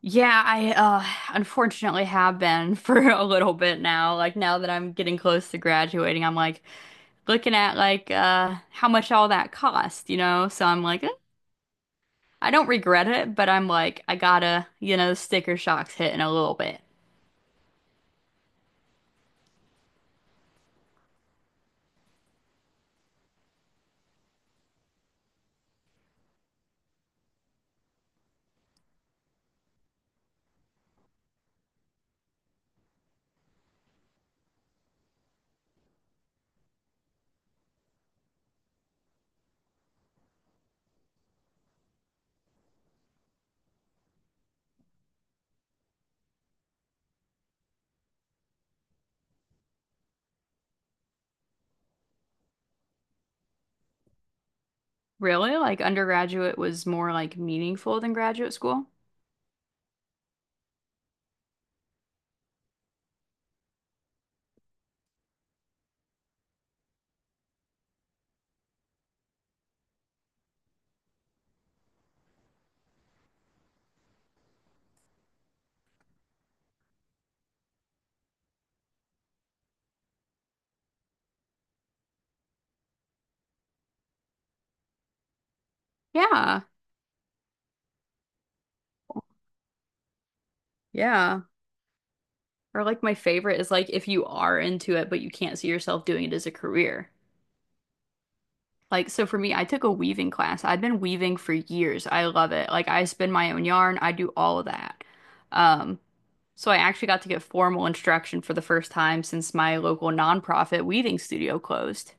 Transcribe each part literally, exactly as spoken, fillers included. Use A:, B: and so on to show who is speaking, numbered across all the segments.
A: Yeah, I uh unfortunately have been for a little bit now. Like now that I'm getting close to graduating, I'm like looking at like uh how much all that cost, you know? So I'm like, eh, I don't regret it, but I'm like I gotta, you know, sticker shock's hitting a little bit. Really? Like undergraduate was more like meaningful than graduate school? Yeah. Yeah. Or like my favorite is like if you are into it but you can't see yourself doing it as a career. Like, so for me, I took a weaving class. I have been weaving for years. I love it. Like, I spin my own yarn, I do all of that. Um, so I actually got to get formal instruction for the first time since my local nonprofit weaving studio closed.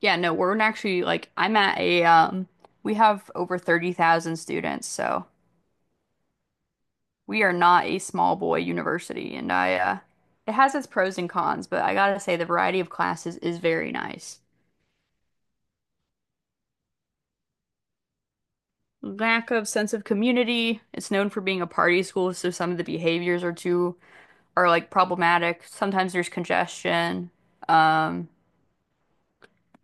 A: Yeah, no, we're actually like, I'm at a, um, we have over thirty thousand students, so we are not a small boy university. And I, uh, it has its pros and cons, but I gotta say the variety of classes is very nice. Lack of sense of community. It's known for being a party school, so some of the behaviors are too are like problematic. Sometimes there's congestion. Um,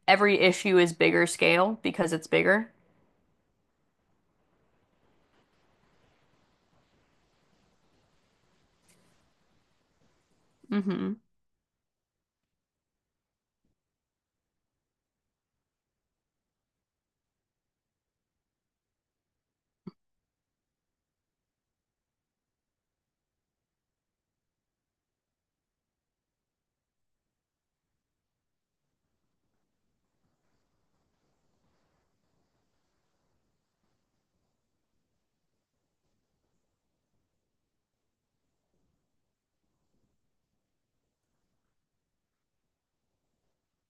A: every issue is bigger scale because it's bigger. Hmm.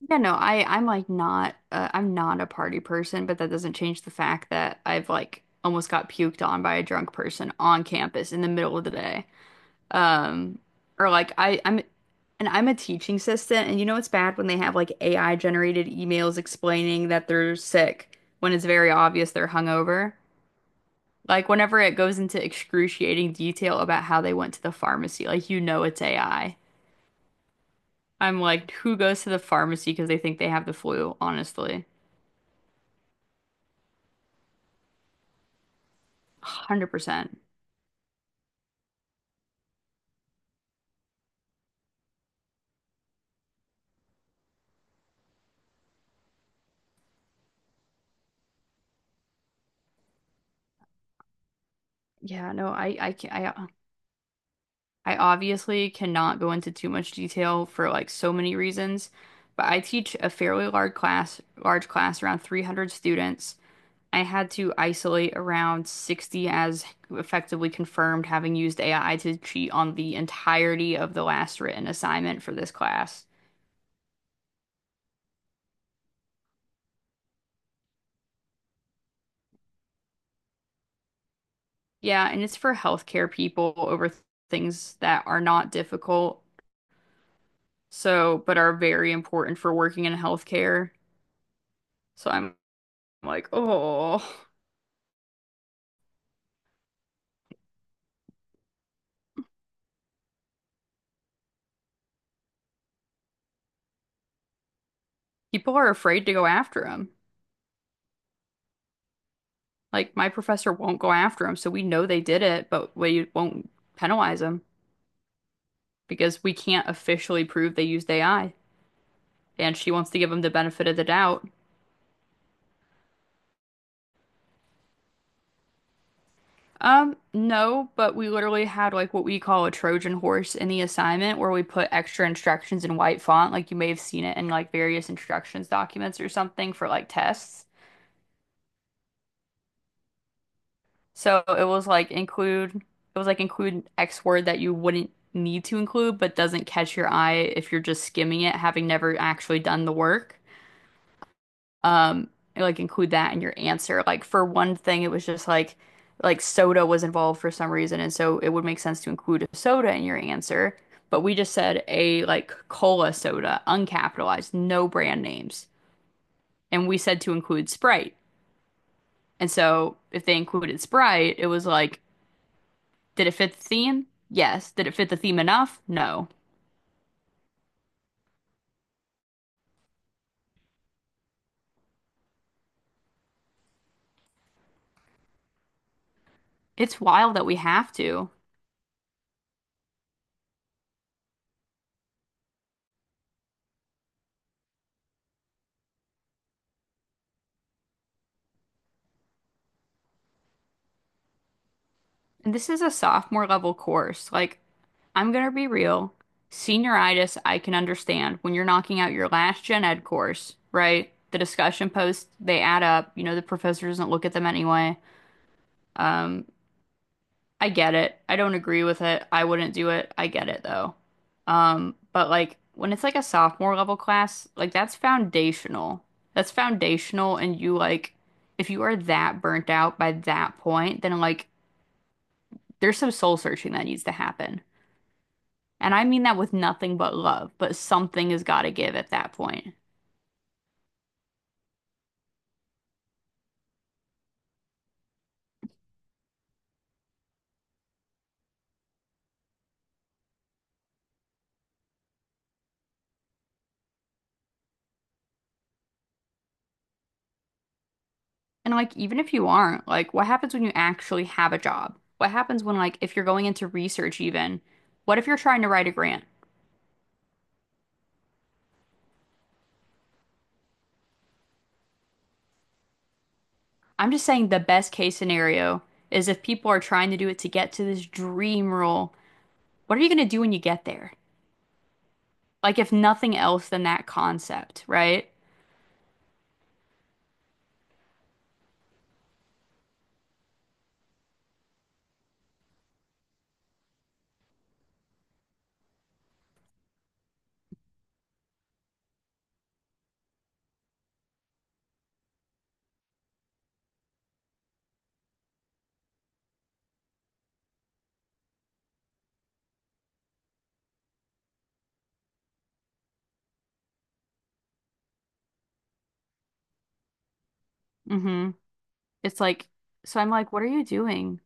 A: Yeah, no, I I'm like not uh, I'm not a party person, but that doesn't change the fact that I've like almost got puked on by a drunk person on campus in the middle of the day. Um, or like I, I'm and I'm a teaching assistant, and you know it's bad when they have like A I generated emails explaining that they're sick when it's very obvious they're hungover. Like whenever it goes into excruciating detail about how they went to the pharmacy, like you know it's A I. I'm like, who goes to the pharmacy because they think they have the flu, honestly. one hundred percent. Yeah, no, I I can't, I I obviously cannot go into too much detail for like so many reasons, but I teach a fairly large class, large class around three hundred students. I had to isolate around sixty as effectively confirmed having used A I to cheat on the entirety of the last written assignment for this class. Yeah, and it's for healthcare people over th- things that are not difficult, so but are very important for working in healthcare. So I'm like, oh. People are afraid to go after him. Like my professor won't go after him, so we know they did it, but we won't penalize him because we can't officially prove they used A I. And she wants to give them the benefit of the doubt. Um, no, but we literally had like what we call a Trojan horse in the assignment where we put extra instructions in white font, like you may have seen it in like various instructions documents or something for like tests. So it was like include, it was like include X word that you wouldn't need to include, but doesn't catch your eye if you're just skimming it, having never actually done the work. Um, like include that in your answer. Like for one thing, it was just like, like soda was involved for some reason, and so it would make sense to include a soda in your answer. But we just said a like cola soda, uncapitalized, no brand names, and we said to include Sprite. And so if they included Sprite, it was like, did it fit the theme? Yes. Did it fit the theme enough? No. It's wild that we have to. And this is a sophomore level course. Like, I'm gonna be real. Senioritis, I can understand when you're knocking out your last gen ed course, right? The discussion posts, they add up. You know, the professor doesn't look at them anyway. Um, I get it. I don't agree with it. I wouldn't do it. I get it though. Um, but like when it's like a sophomore level class, like that's foundational. That's foundational and you like if you are that burnt out by that point, then like there's some soul searching that needs to happen. And I mean that with nothing but love, but something has got to give at that point. And like even if you aren't, like what happens when you actually have a job? What happens when like if you're going into research even? What if you're trying to write a grant? I'm just saying the best case scenario is if people are trying to do it to get to this dream role, what are you going to do when you get there? Like, if nothing else than that concept, right? Mm-hmm. It's like, so I'm like, what are you doing?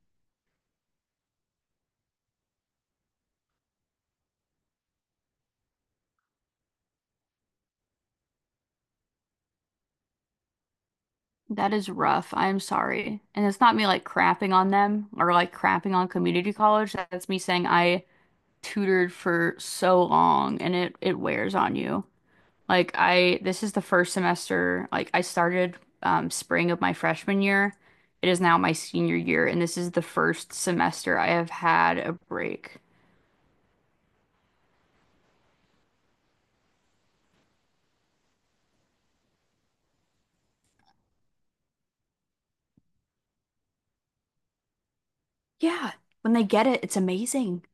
A: That is rough. I'm sorry. And it's not me like crapping on them or like crapping on community college. That's me saying I tutored for so long and it it wears on you. Like I, this is the first semester. Like I started um, spring of my freshman year. It is now my senior year, and this is the first semester I have had a break. Yeah, when they get it, it's amazing.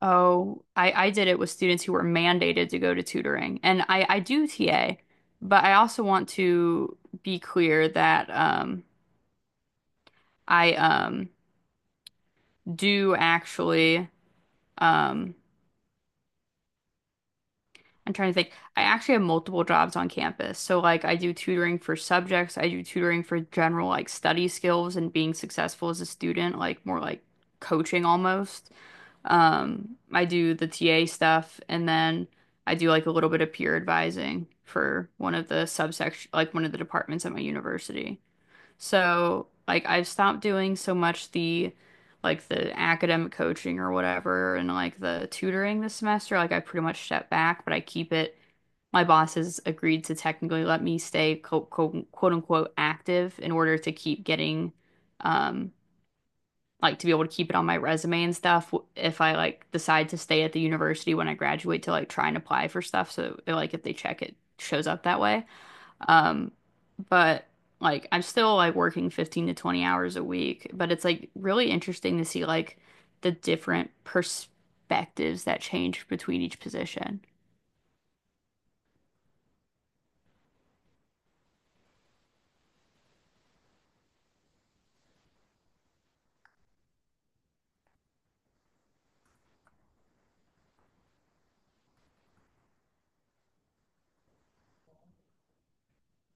A: Oh, I, I did it with students who were mandated to go to tutoring, and I, I do T A, but I also want to be clear that um, I um, do actually. Um, I'm trying to think. I actually have multiple jobs on campus. So like I do tutoring for subjects, I do tutoring for general like study skills and being successful as a student, like more like coaching almost. Um, I do the T A stuff and then I do like a little bit of peer advising for one of the subsection like one of the departments at my university. So, like, I've stopped doing so much the like the academic coaching or whatever and like the tutoring this semester. Like, I pretty much stepped back, but I keep it. My boss has agreed to technically let me stay quote, quote, quote unquote active in order to keep getting, um, like to be able to keep it on my resume and stuff w- if I like decide to stay at the university when I graduate to like try and apply for stuff. So, it, like, if they check it shows up that way. Um, but like I'm still like working fifteen to twenty hours a week, but it's like really interesting to see like the different perspectives that change between each position.